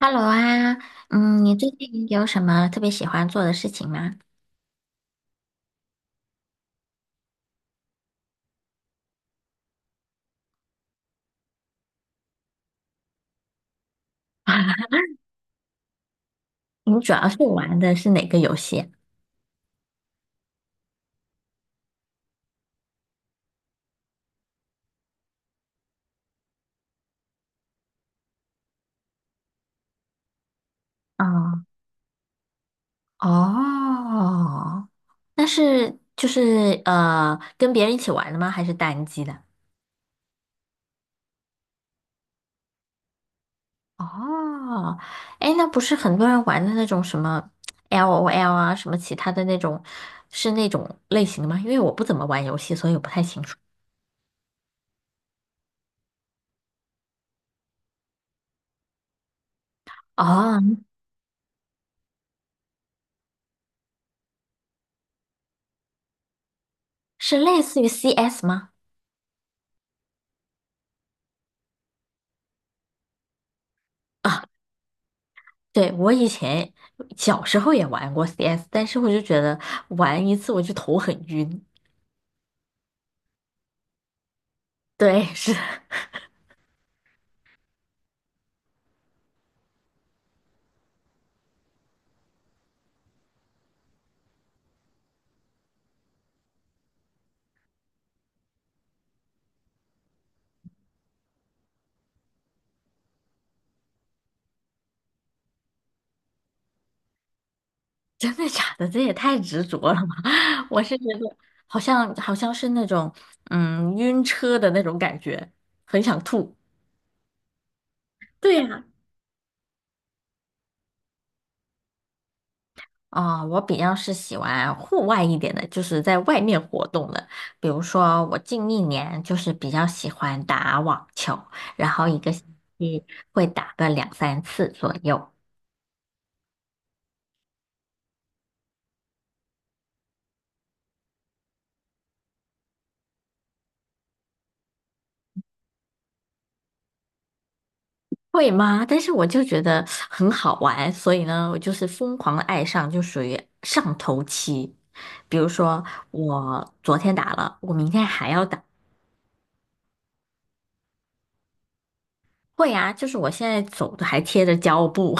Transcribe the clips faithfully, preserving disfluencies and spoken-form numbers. Hello 啊，嗯，你最近有什么特别喜欢做的事情吗？你主要是玩的是哪个游戏啊？哦，哦，那是就是呃，跟别人一起玩的吗？还是单机的？哦，哎，那不是很多人玩的那种什么 LOL 啊，什么其他的那种，是那种类型的吗？因为我不怎么玩游戏，所以我不太清楚。哦，是类似于 C S 吗？啊。对，我以前小时候也玩过 C S，但是我就觉得玩一次我就头很晕。对，是 真的假的？这也太执着了嘛！我是觉得好像好像是那种嗯晕车的那种感觉，很想吐。对呀。啊，我比较是喜欢户外一点的，就是在外面活动的。比如说，我近一年就是比较喜欢打网球，然后一个星期会打个两三次左右。会吗？但是我就觉得很好玩，所以呢，我就是疯狂的爱上，就属于上头期。比如说，我昨天打了，我明天还要打。会啊，就是我现在走的还贴着胶布，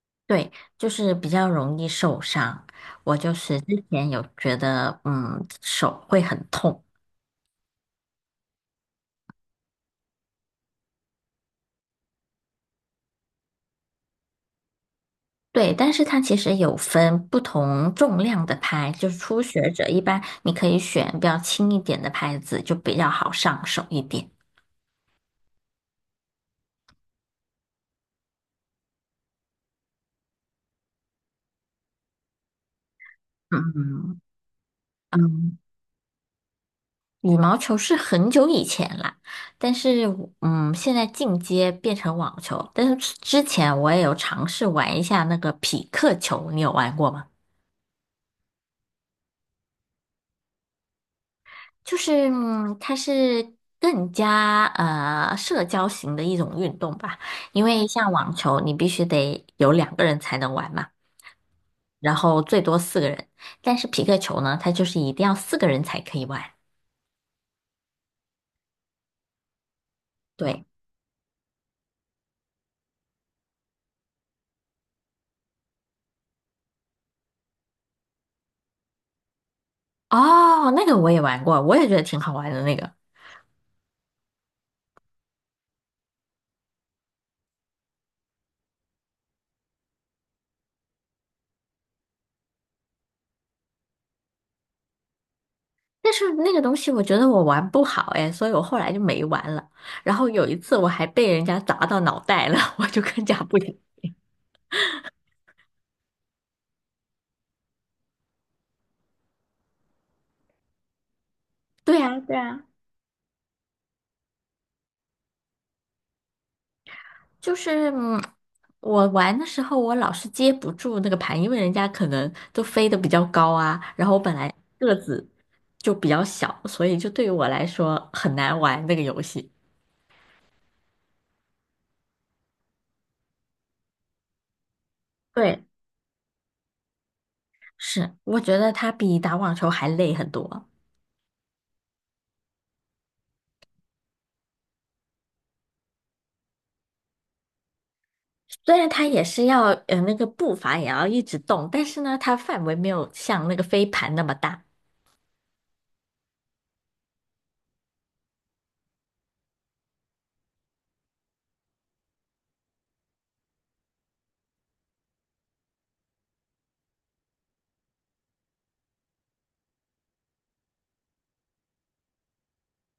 对，就是比较容易受伤。我就是之前有觉得，嗯，手会很痛。对，但是它其实有分不同重量的拍，就是初学者一般你可以选比较轻一点的拍子，就比较好上手一点。嗯嗯，羽毛球是很久以前啦，但是我嗯，现在进阶变成网球，但是之之前我也有尝试玩一下那个匹克球，你有玩过吗？就是嗯，它是更加呃社交型的一种运动吧，因为像网球你必须得有两个人才能玩嘛，然后最多四个人，但是匹克球呢，它就是一定要四个人才可以玩。对，哦，那个我也玩过，我也觉得挺好玩的那个。但是那个东西我觉得我玩不好哎，所以我后来就没玩了。然后有一次我还被人家砸到脑袋了，我就更加不想。对啊，对啊，就是嗯，我玩的时候我老是接不住那个盘，因为人家可能都飞得比较高啊，然后我本来个子就比较小，所以就对于我来说很难玩那个游戏。对，是，我觉得它比打网球还累很多。虽然它也是要呃那个步伐也要一直动，但是呢，它范围没有像那个飞盘那么大。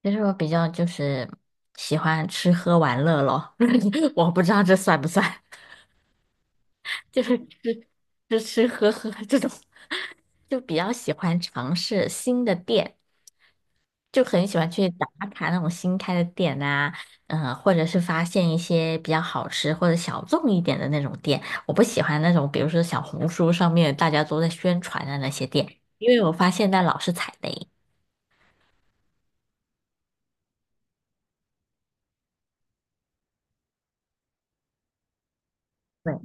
就是我比较就是喜欢吃喝玩乐咯，我不知道这算不算，就是吃吃吃喝喝这种，就比较喜欢尝试新的店。就很喜欢去打卡那种新开的店呐，嗯，或者是发现一些比较好吃或者小众一点的那种店。我不喜欢那种，比如说小红书上面大家都在宣传的那些店，因为我发现那老是踩雷。对，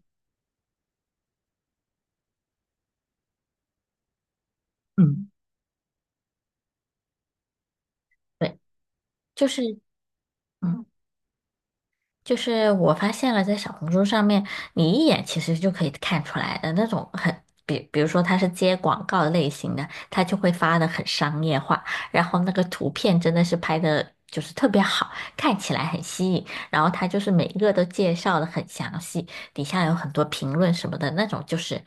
嗯，对，就是嗯。就是我发现了，在小红书上面，你一眼其实就可以看出来的那种很，比比如说他是接广告类型的，他就会发的很商业化，然后那个图片真的是拍的就是特别好，看起来很吸引，然后他就是每一个都介绍的很详细，底下有很多评论什么的那种，就是，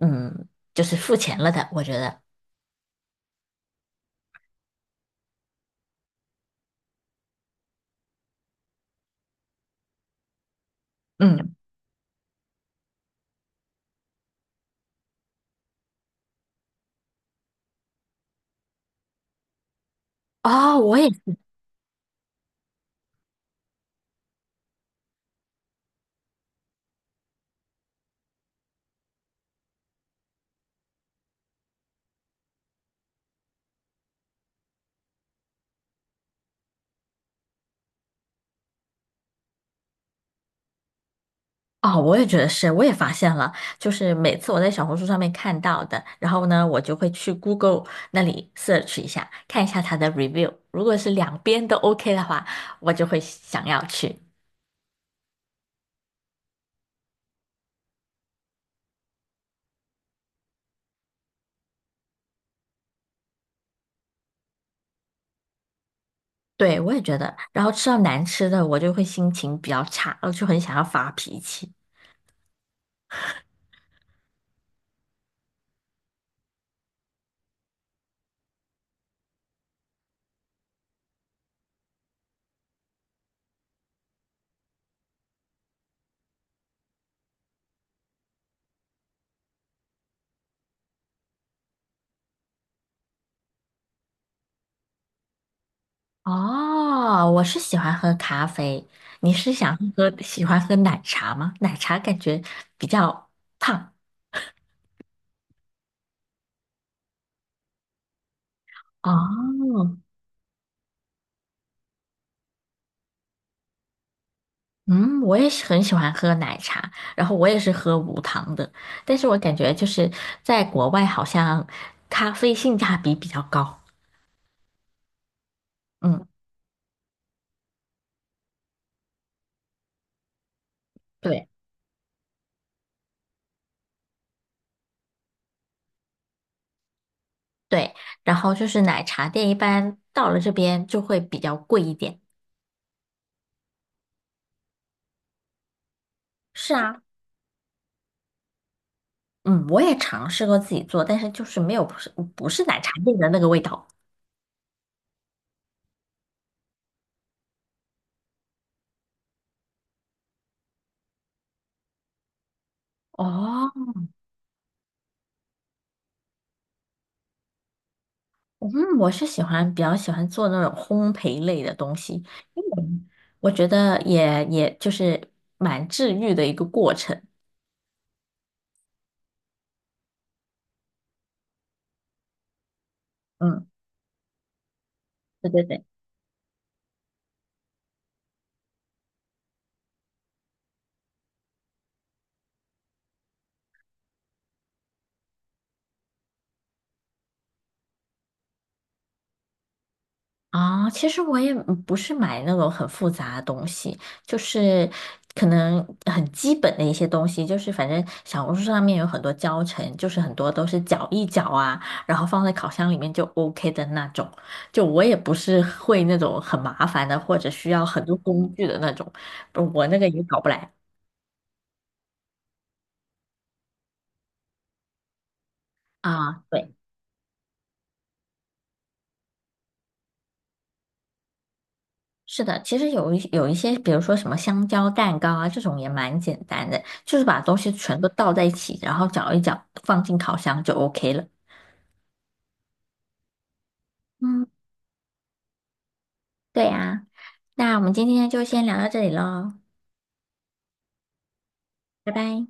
嗯，就是付钱了的，我觉得，嗯，哦，我也哦，我也觉得是，我也发现了，就是每次我在小红书上面看到的，然后呢，我就会去 Google 那里 search 一下，看一下它的 review，如果是两边都 OK 的话，我就会想要去。对，我也觉得，然后吃到难吃的，我就会心情比较差，我就很想要发脾气。哦，我是喜欢喝咖啡，你是想喝喜欢喝奶茶吗？奶茶感觉比较胖。哦，嗯，我也是很喜欢喝奶茶，然后我也是喝无糖的，但是我感觉就是在国外好像咖啡性价比比较高。嗯，对对，然后就是奶茶店一般到了这边就会比较贵一点。是啊，嗯，我也尝试过自己做，但是就是没有不是不是奶茶店的那个味道。哦，嗯，我是喜欢比较喜欢做那种烘焙类的东西，嗯我觉得也也就是蛮治愈的一个过程。嗯，对对对，啊，其实我也嗯不是买那种很复杂的东西，就是可能很基本的一些东西，就是反正小红书上面有很多教程，就是很多都是搅一搅啊，然后放在烤箱里面就 OK 的那种。就我也不是会那种很麻烦的，或者需要很多工具的那种，我那个也搞不来啊。对。是的，其实有一有一些，比如说什么香蕉蛋糕啊，这种也蛮简单的，就是把东西全都倒在一起，然后搅一搅，放进烤箱就 OK 了。嗯，对呀，那我们今天就先聊到这里喽，拜拜。